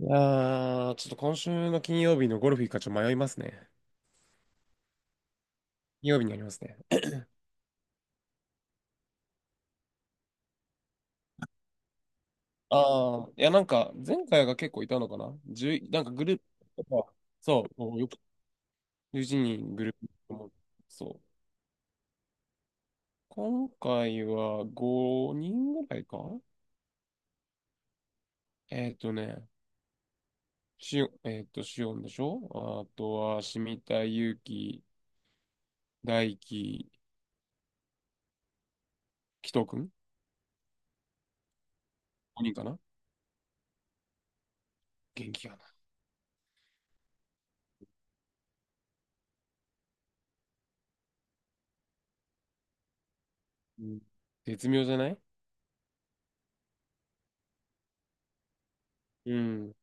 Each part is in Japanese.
いやー、ちょっと今週の金曜日のゴルフ行くかちょっと迷いますね。金曜日になりますね。ああ、いや、なんか、前回が結構いたのかな10、なんかグループとか、そう、もうよく11人グループも、そう。今回は5人ぐらいかえっとね、しお、えっと、しおんでしょ。あとは、しみたい、ゆうき、大いききとくん ?5 人かな。元気かな。うん。絶妙じゃない？うん。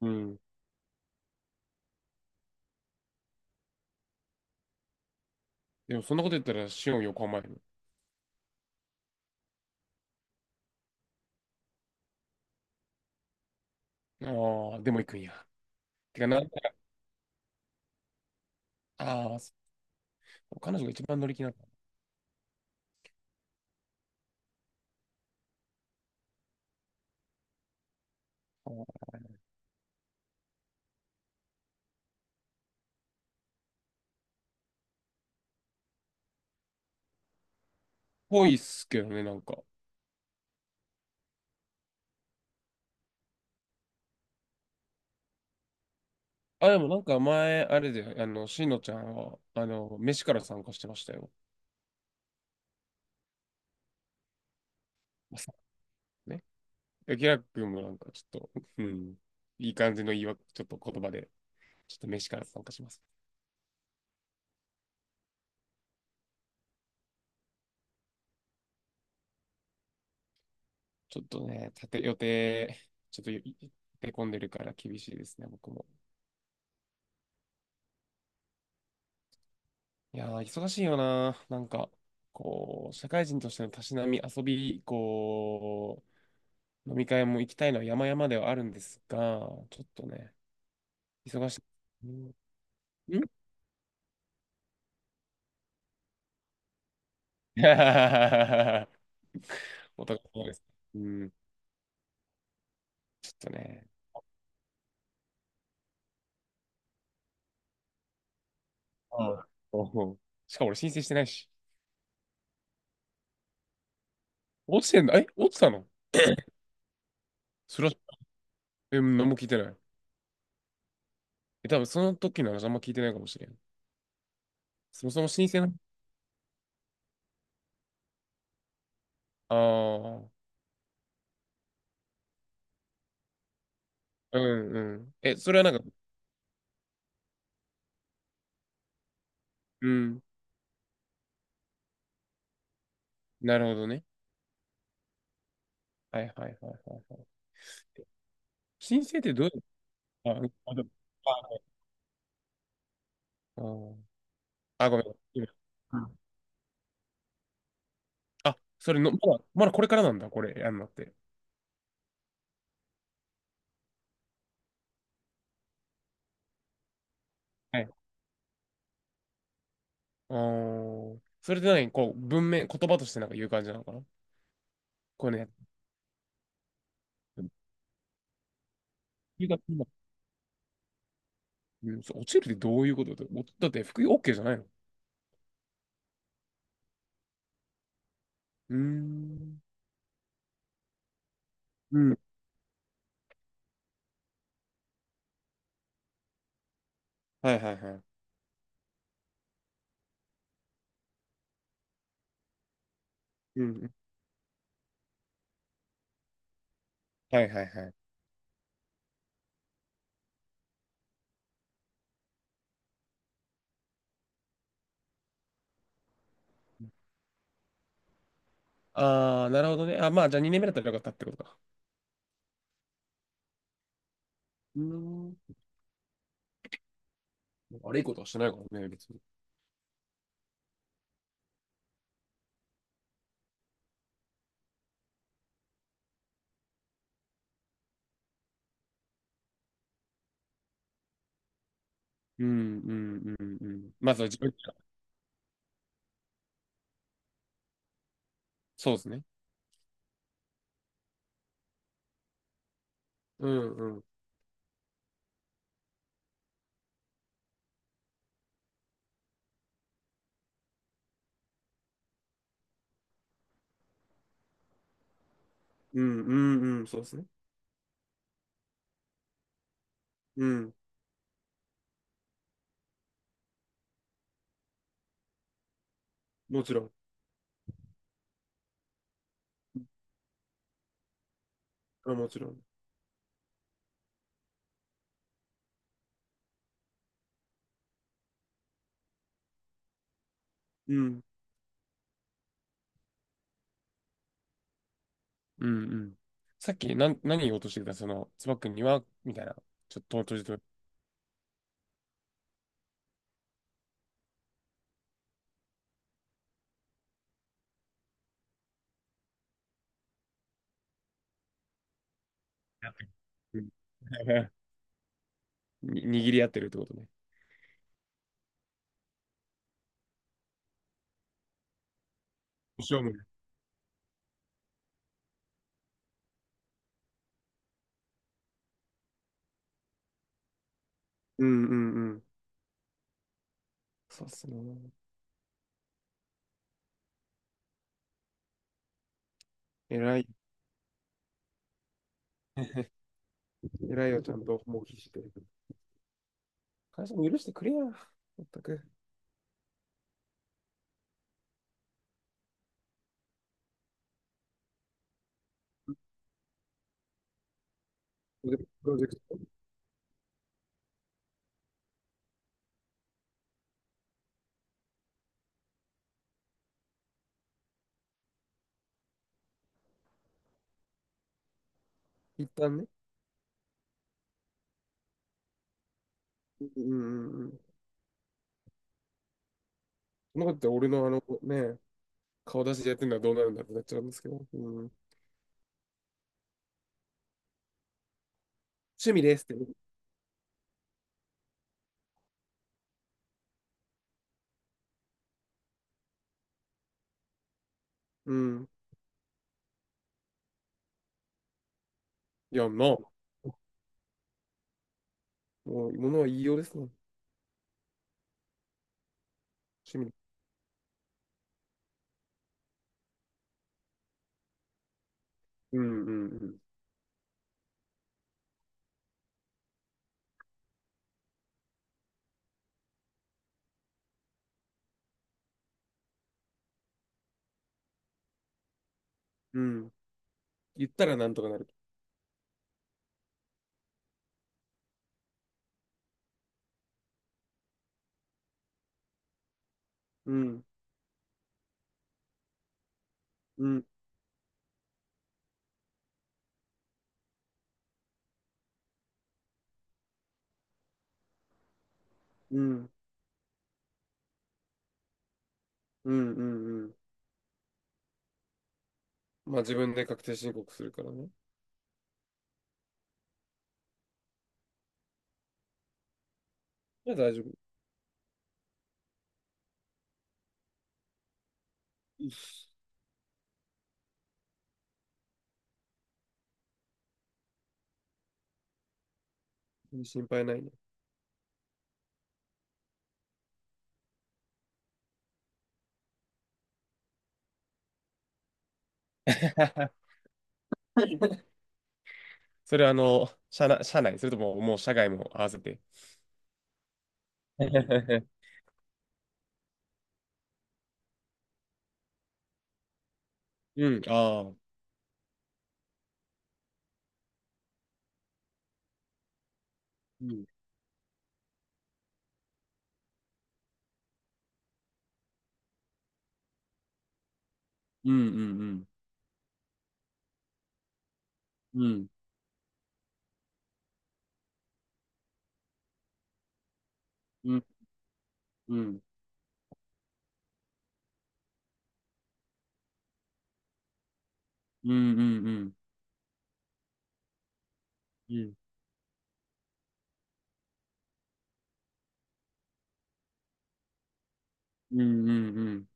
うん。でも、そんなこと言ったら、しおん横浜やね。ああ、でも行くんや。てか、なん、ああ、彼女が一番乗り気なの。ぽいっすけどね、なんか。あ、でもなんか前、あれで、あの、しのちゃんは、飯から参加してましたよ。まさかね。でキラ君もなんかちょっと、うん、いい感じの言い訳、ちょっと言葉で、ちょっと飯から参加します。ちょっとね、立て、予定、ちょっと立て込んでるから厳しいですね、僕も。いやー、忙しいよな。なんか、こう、社会人としてのたしなみ、遊び、こう、飲み会も行きたいのは山々ではあるんですが、ちょっとね、忙しい。うん。ん。 お互い様です。うん。ちょっとね。ああ。しかも俺申請してないし。落ちてんだ。え、落ちたの？それは、え、何も聞いてない。え、多分その時の話あんま聞いてないかもしれん。そもそも申請の。ああ。うんうん。え、それはなんか、うん。なるほどね。はいはいはいはいはい。申請ってどうやって。あ、あ、でもあああごめん。今あ、それの、まだこれからなんだ、これ、やんのって。はい。それで何、こう、文面、言葉としてなんか言う感じなのかな。これね、冬が今うんそう落ちるってどういうことだって、おだって服 OK じゃないの。うーん。うん。はいはいはい。うん。はいはいはい。ああ、なるほどね。あ、まあ、じゃあ2年目だったらよかったってことか。うーん。悪いことはしてないからね、別に。うん、うん、うん、うん。まずは自分から。そうですね。うん、うん。うん、うん、うん、そうですね。うん。もちろん。あ、もちろん。うん。うんうん。さっき、なん、何言おうとしてたその、つばくんには、みたいな。ちょっと、とじと、うん。 に握り合ってるってことね。勝負。うんうんうん。そうっすね。偉い。偉いよ、ちゃんと、もう必死で。会社も許してくれや。まったく。プロジェクト。一旦ね。うんうんうん。そんなことって俺のあの、ね、顔出しでやってるのはどうなるんだってなっちゃうんですけど。うん、趣味ですってね。うん。いや、なあ、もう、ものは言いようですね。趣味。うんうんうん。うん。言ったらなんとかなる。うん。うん。うん。うん。うんうん。まあ自分で確定申告するからね。いや大丈夫。うん心配ないね。それはあの、社内、それとももう社外も合わせて。うん。ああ。うん。うんうんうん。うん。うん。うんうんうん。うん。うんうんうん。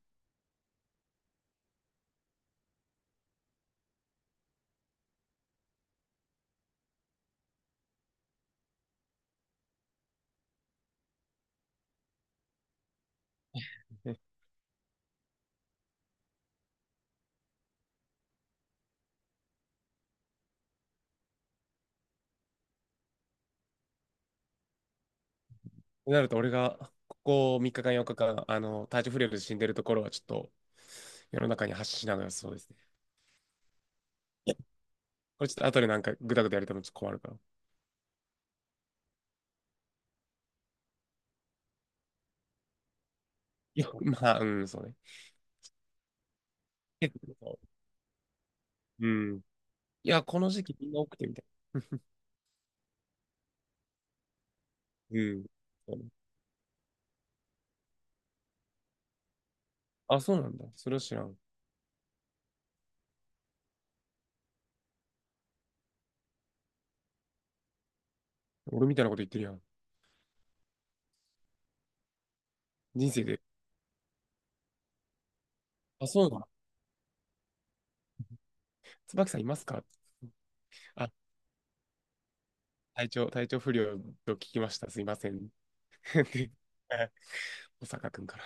ね。となると、俺がここ3日間、4日間、体調不良で死んでるところは、ちょっと世の中に発信しながらそうです。いやこれちょっと後でなんかぐだぐだやりたもちょっと困るから。いや、まあ、うん、そうね。結構、うん。いや、この時期みんな多くてみたいな。うん。そうね。あ、そうなんだ。それは知らん。俺みたいなこと言ってるやん。人生で。あ、そうなんだ。椿さんいますか？あ、体調不良と聞きました。すいません。で、え小坂くんから。